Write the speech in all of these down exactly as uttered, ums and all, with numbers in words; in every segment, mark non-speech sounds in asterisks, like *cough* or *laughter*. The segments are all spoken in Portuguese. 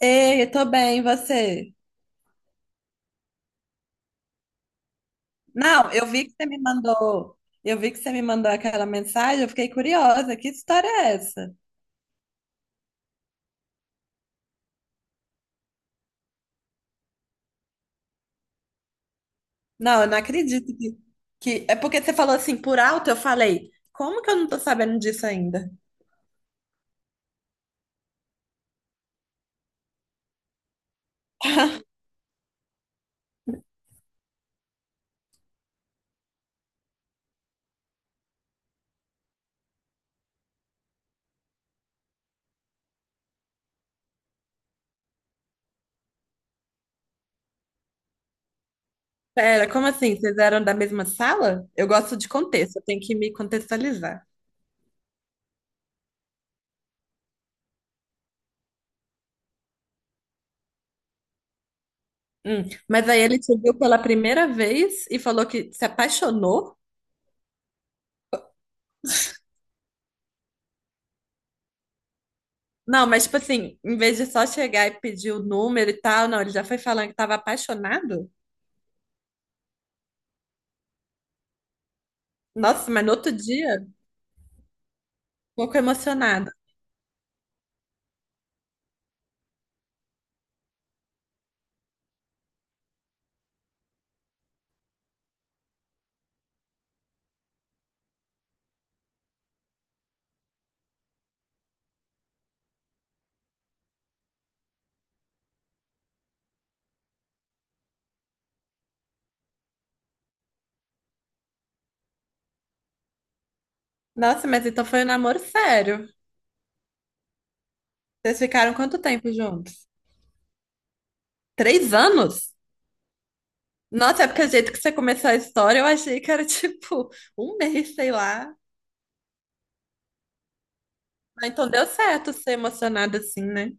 Ei, eu tô bem, e você? Não, eu vi que você me mandou, eu vi que você me mandou aquela mensagem, eu fiquei curiosa, que história é essa? Não, eu não acredito que, que... É porque você falou assim, por alto, eu falei, como que eu não tô sabendo disso ainda? Pera, como assim? Vocês eram da mesma sala? Eu gosto de contexto, eu tenho que me contextualizar. Hum. Mas aí ele te viu pela primeira vez e falou que se apaixonou? Não, mas tipo assim, em vez de só chegar e pedir o número e tal, não, ele já foi falando que tava apaixonado? Nossa, mas no outro dia, um pouco emocionada. Nossa, mas então foi um namoro sério. Vocês ficaram quanto tempo juntos? Três anos? Nossa, é porque o jeito que você começou a história, eu achei que era *laughs* tipo um mês, sei lá. Ah, então deu certo ser emocionada assim, né?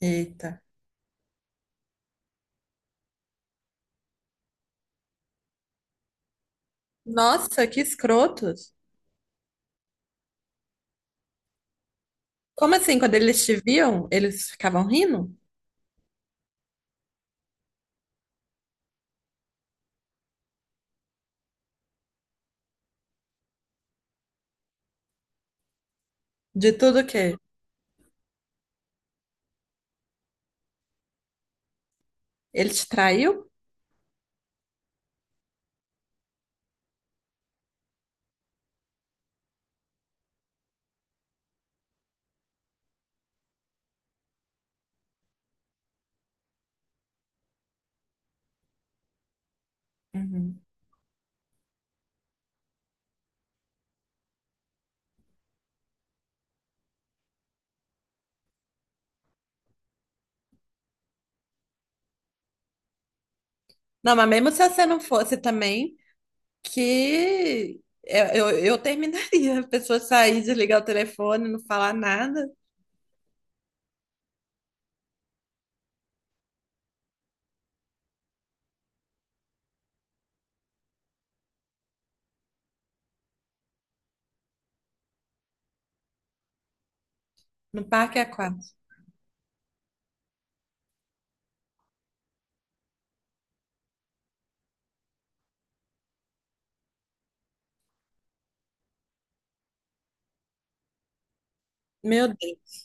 Eita. Nossa, que escrotos. Como assim, quando eles te viam, eles ficavam rindo? De tudo que ele te traiu? Uhum. Não, mas mesmo se você não fosse também, que eu, eu, eu terminaria. A pessoa sair, desligar o telefone, não falar nada, no parque aquático. Meu Deus,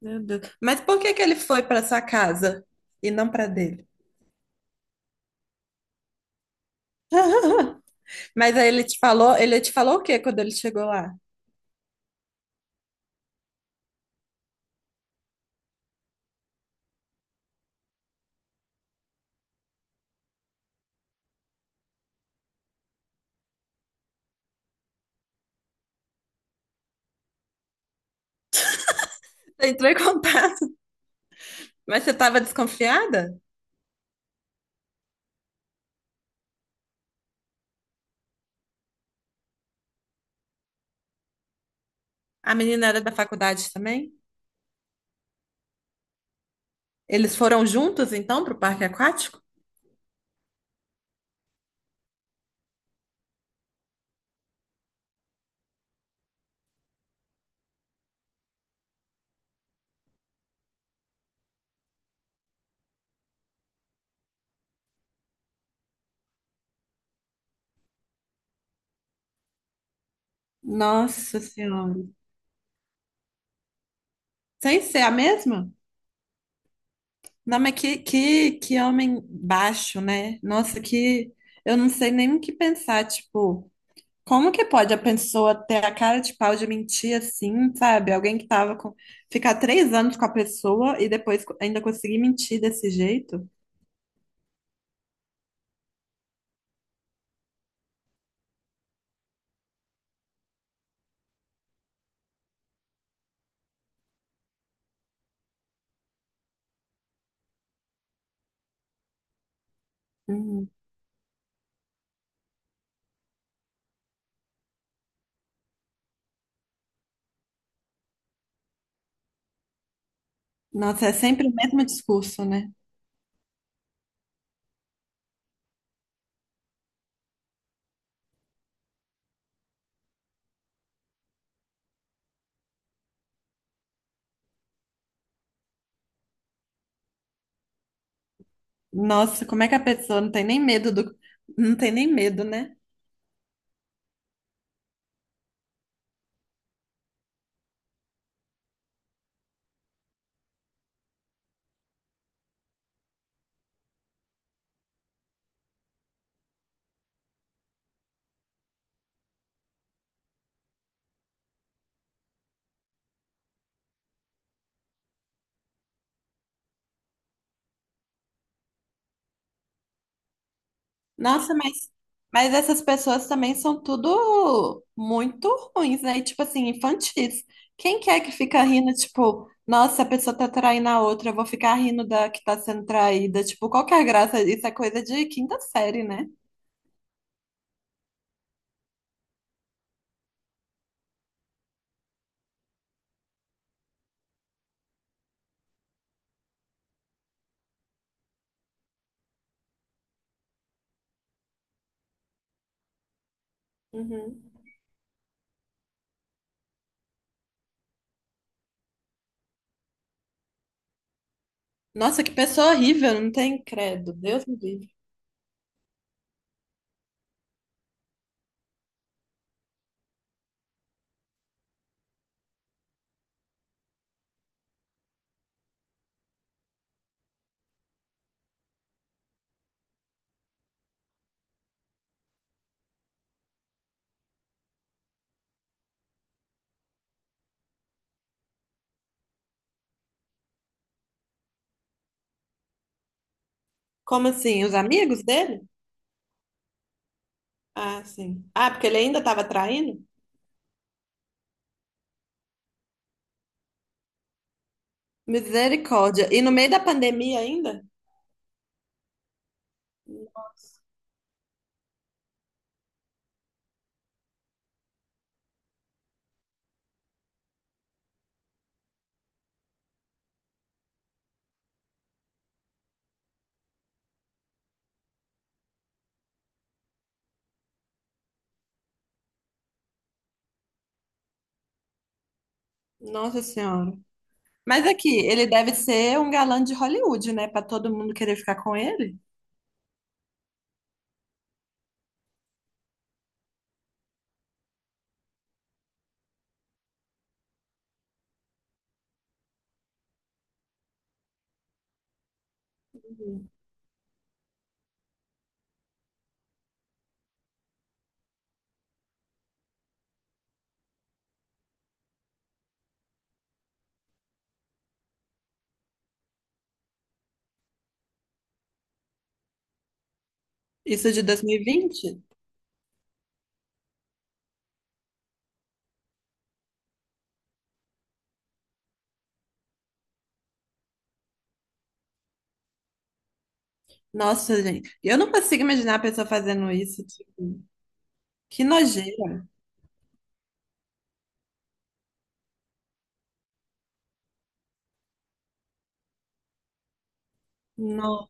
meu Deus. Mas por que que ele foi para sua casa e não para dele? *laughs* Mas aí ele te falou, ele te falou o que quando ele chegou lá? Você entrou em contato, mas você estava desconfiada? A menina era da faculdade também? Eles foram juntos então para o parque aquático? Nossa Senhora. Sem ser a mesma? Não, mas que, que, que homem baixo, né? Nossa, que. Eu não sei nem o que pensar. Tipo, como que pode a pessoa ter a cara de pau de mentir assim, sabe? Alguém que tava com. Ficar três anos com a pessoa e depois co- ainda conseguir mentir desse jeito? Hum. Nossa, é sempre o mesmo discurso, né? Nossa, como é que a pessoa não tem nem medo do. Não tem nem medo, né? Nossa, mas, mas essas pessoas também são tudo muito ruins, né? E, tipo assim, infantis. Quem que é que fica rindo, tipo, nossa, a pessoa tá traindo a outra, eu vou ficar rindo da que tá sendo traída. Tipo, qual que é a graça? Isso é coisa de quinta série, né? Uhum. Nossa, que pessoa horrível, não tem credo. Deus me livre. Como assim? Os amigos dele? Ah, sim. Ah, porque ele ainda estava traindo? Misericórdia. E no meio da pandemia ainda? Nossa Senhora. Mas aqui, ele deve ser um galã de Hollywood, né? Pra todo mundo querer ficar com ele. Uhum. Isso de dois mil e vinte? Nossa, gente. Eu não consigo imaginar a pessoa fazendo isso. Tipo, que nojeira. Não,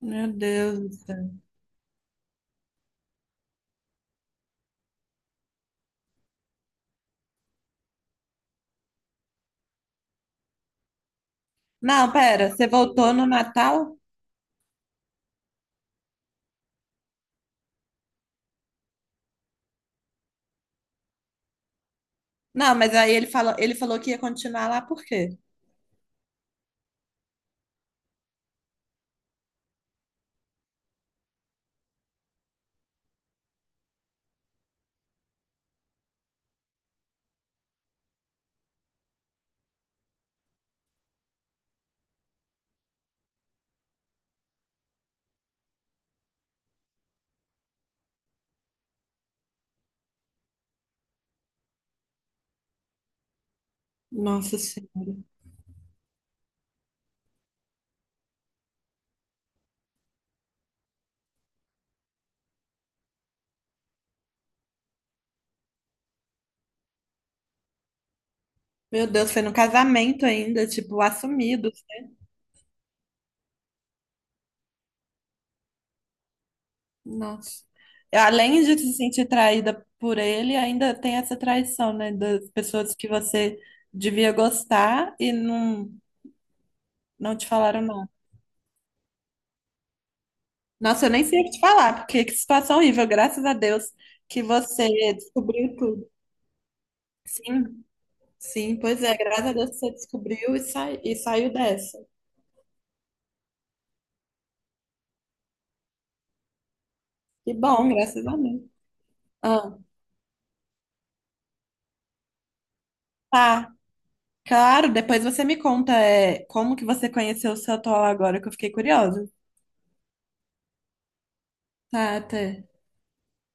meu Deus do céu. Não, pera, você voltou no Natal? Não, mas aí ele falou, ele falou que ia continuar lá por quê? Nossa Senhora. Meu Deus, foi no casamento ainda, tipo, assumido. Nossa. Além de se sentir traída por ele, ainda tem essa traição, né? Das pessoas que você devia gostar e não, não te falaram nada. Nossa, eu nem sei o que te falar, porque que situação horrível. Graças a Deus que você descobriu tudo. Sim, sim, pois é. Graças a Deus que você descobriu e, sai, e saiu dessa. Que bom, graças a Deus. Ah, tá, claro. Depois você me conta, é, como que você conheceu o seu atual agora, que eu fiquei curiosa. Tá, até.